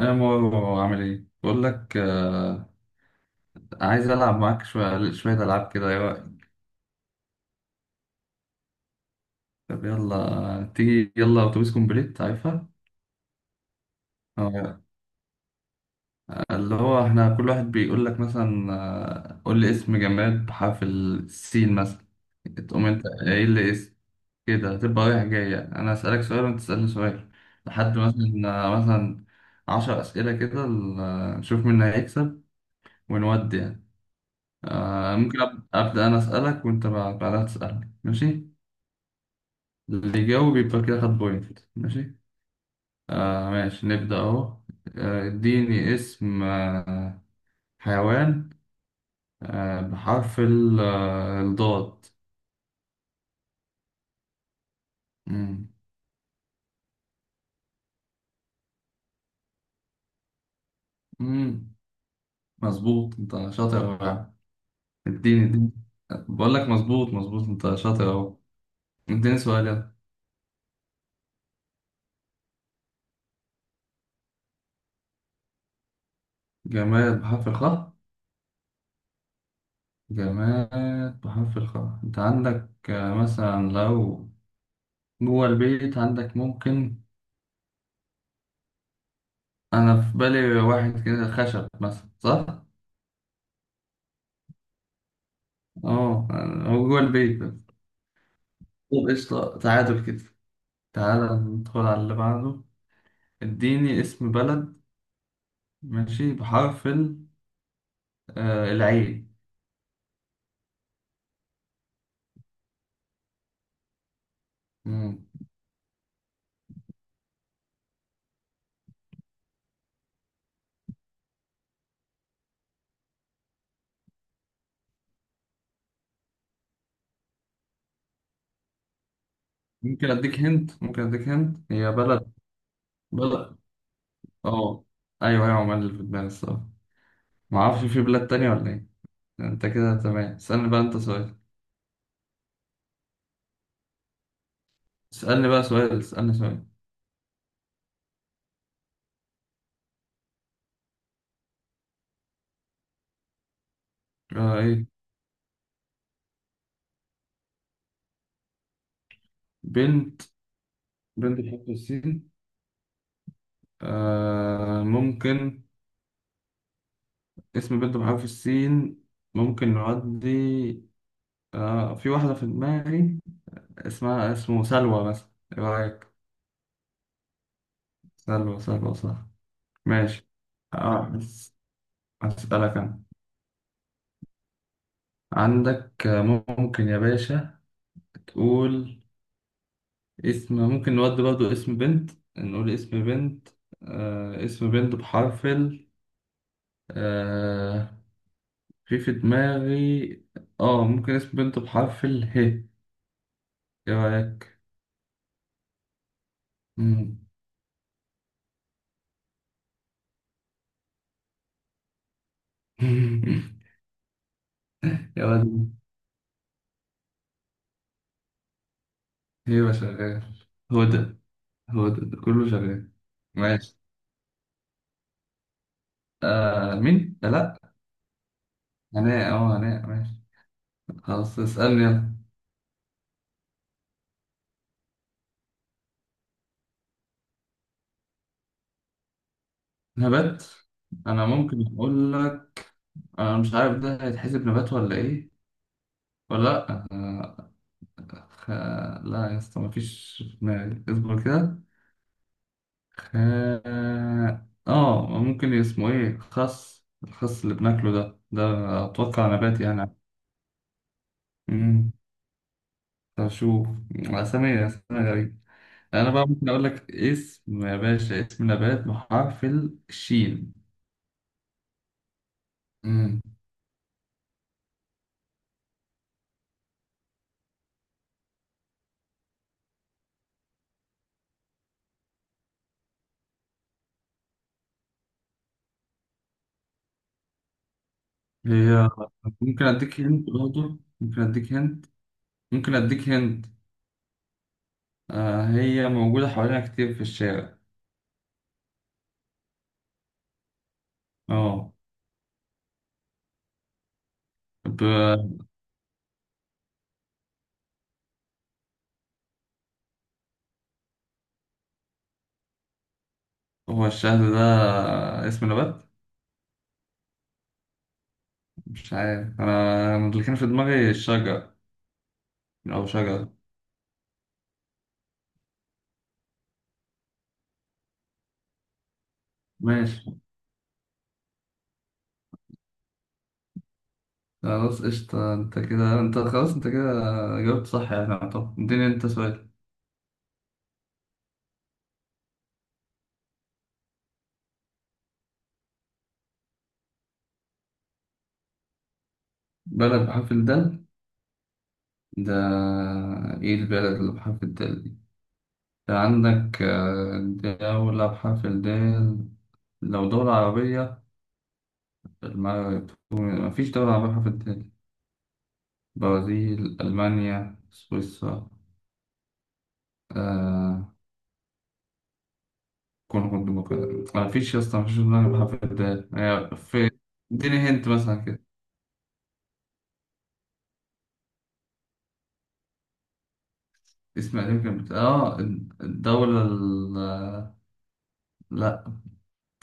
انا مو عامل ايه، بقول لك عايز العب معاك شويه شويه العاب كده يا. طب يلا تيجي، يلا اتوبيس كومبليت عارفها. آه، اللي هو احنا كل واحد بيقول لك مثلا قول لي اسم جماد بحرف السين مثلا. تقوم انت ايه اللي اسم كده، تبقى رايح جاي يعني. انا اسالك سؤال وانت تسالني سؤال لحد مثلا مثلا عشر اسئله كده نشوف مين هيكسب ونودي يعني. ممكن ابدا، انا اسالك وانت بعدها تسالني، ماشي؟ اللي يجاوب يبقى كده خد بوينت، ماشي. آه ماشي، نبدأ أهو. اديني اسم حيوان، آه، بحرف الضاد. مم. مم. مظبوط، أنت شاطر أوي يا عم. اديني اديني، بقول لك مظبوط مظبوط، أنت شاطر أهو. اديني سؤال يلا. جماد بحرف الخاء. جماد بحرف الخاء، أنت عندك مثلا لو جوه البيت عندك ممكن. أنا في بالي واحد كده، خشب مثلا، صح؟ اه. هو جوه البيت بس. طب قشطة، تعادل كده. تعالى ندخل على اللي بعده. اديني اسم بلد، ماشي، بحرف العين. مم. ممكن اديك هنت، ممكن اديك هنت، هي بلد. بلد. اه. ايوه ايوه، عمال اللي في دماغي الصراحة، معرفش في بلاد تانية ولا ايه. انت كده تمام، اسألني بقى انت سؤال، اسألني بقى سؤال، اسألني سؤال. آه ايه؟ بنت. بنت بحرف السين. آه، ممكن، اسم بنت بحرف السين، ممكن نعدي. آه، في واحدة في دماغي اسمه سلوى مثلا، ايه رأيك؟ سلوى، سلوى صح. ماشي. آه بس، أسألك أنا، عندك ممكن يا باشا تقول اسم. ممكن نودي برضو اسم بنت، نقول اسم بنت. اسم بنت بحرف ال، آه في دماغي، اه ممكن اسم بنت بحرف ال ه، ايه رأيك؟ مم. يا ولد. ايوه شغال. هدى. هدى ده كله شغال. ماشي. آه مين؟ لا. هناء، اه هناء، ماشي. خلاص اسألني يلا. نبات. انا ممكن اقول لك، انا مش عارف ده هيتحسب نبات ولا ايه، ولا لا آه. خ... لا يا اسطى، مفيش في دماغي، اصبر كده. اه. ممكن اسمه ايه، خس، الخس اللي بناكله ده، اتوقع نبات يعني. مم. طب شوف، اسامي اسامي غريبة. انا بقى ممكن اقول لك اسم يا باشا، اسم نبات بحرف الشين. امم هي، ممكن اديك هنت برضه، ممكن اديك هنت، ممكن اديك هنت. آه، هي موجودة حوالينا كتير في الشارع. اه. ب... هو الشهد ده اسم نبات؟ مش عارف انا، اللي كان في دماغي الشجر، او شجر. ماشي، خلاص قشطة، انت كده، انت خلاص، انت كده جاوبت صح يعني. طب اديني انت سؤال. بلد بحرف الدال. ده، ايه البلد اللي بحرف الدال دي؟ ده عندك دولة بحرف الدال. لو دولة عربية، المغرب، مفيش دولة عربية بحرف الدال. برازيل، ألمانيا، سويسرا، آه كونغو الديمقراطية، مفيش يا اسطى، مفيش دولة عربية بحرف الدال، هي في. اديني هنت مثلا كده. اسم يمكن اه، الدولة ال... آه، لا،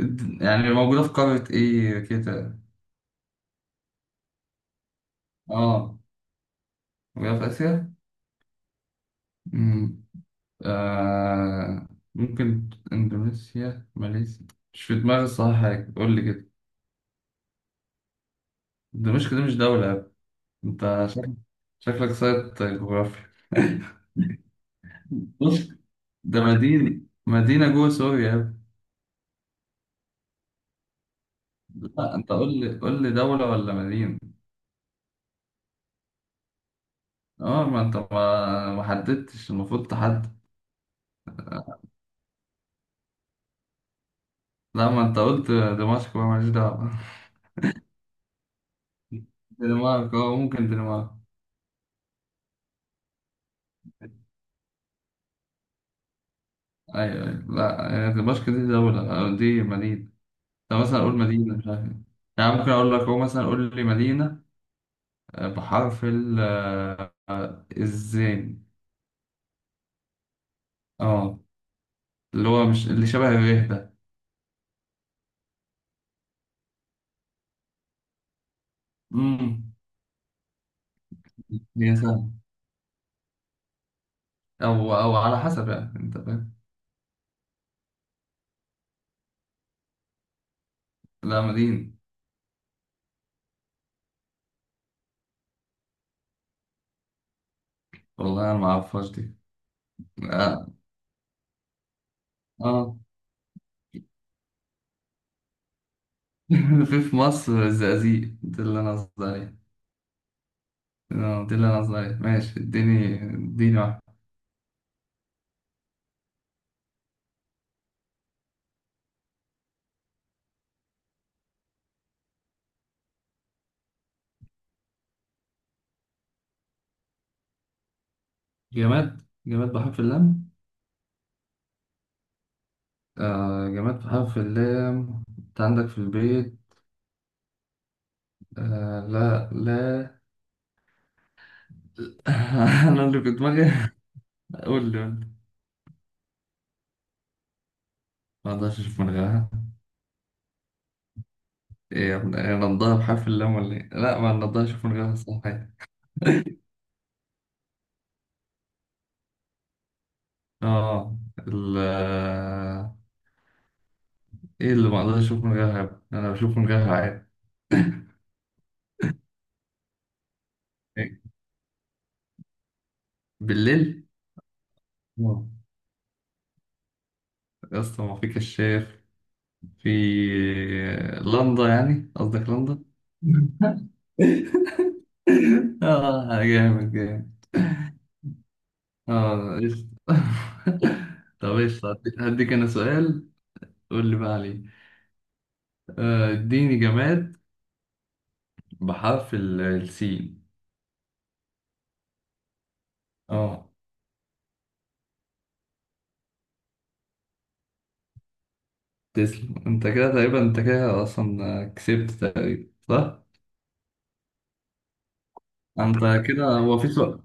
يعني موجودة في قارة ايه كده. اه موجودة في آسيا. آه، ممكن إندونيسيا، ماليزيا؟ مش في دماغي الصراحة حاجة، قول لي كده. دمشق دي مش دولة يا ابني. أنت شكلك، سايت جغرافيا. دمشق ده مدينة، مدينة جوه سوريا يا ابني. لا أنت قول لي، قول لي دولة ولا مدينة؟ أه ما أنت ما حددتش، المفروض تحدد. لا، ما أنت قلت دمشق، بقى ماليش دعوة. دنمارك، أه ممكن دنمارك. أيوه أيوه، لا هي دمشق دي دولة، آه، دي مدينة. طب مثلا أقول مدينة مش عارف إيه. يعني ممكن أقول لك هو مثلا، قول لي مدينة بحرف ال الزين. اه، اللي هو مش اللي شبه الريه ده. امم هي سهلة، أو على حسب، يعني أنت فاهم. لا، مدينة. والله أنا ما أعرفهاش دي. اه. آه. في مصر، الزقازيق دي اللي أنا قصدي عليها. آه، دي اللي أنا قصدي عليها، ماشي. اديني اديني واحدة. جماد، جماد بحرف اللام. آه جماد بحرف اللام. انت عندك في البيت، آه لا لا. انا اللي في دماغي. قول لي قول لي. ما اقدرش اشوف من غيرها. ايه يا ابني، إيه، نضارة بحرف اللام ولا ايه؟ لا، ما اقدرش اشوف من غيرها صحيح. اه ال ايه اللي ما اقدرش اشوف من غيرها يا ابني؟ انا بشوف من غيرها عادي. إيه؟ بالليل. آه. يا اسطى ما في كشاف، في، لندا، يعني قصدك لندا؟ اه، جامد جامد. اه ايش. طب ايش، هديك هديك انا سؤال. قول لي بقى عليه. اديني جماد بحرف السين. اه. تسلم، انت كده تقريبا، انت كده اصلا كسبت تقريبا، صح. انت كده هو في سؤال.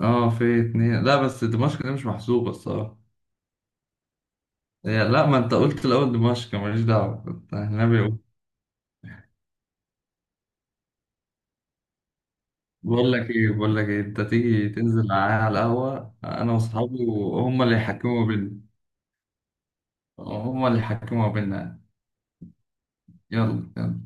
اه، في اتنين، لا بس دمشق دي مش محسوبة الصراحة. لا، ما انت قلت الاول دمشق، ماليش دعوة انت النبي. بقول لك ايه، انت تيجي تنزل معايا على القهوة انا واصحابي، وهم اللي يحكموا بينا. هم اللي يحكموا بينا. يلا يلا.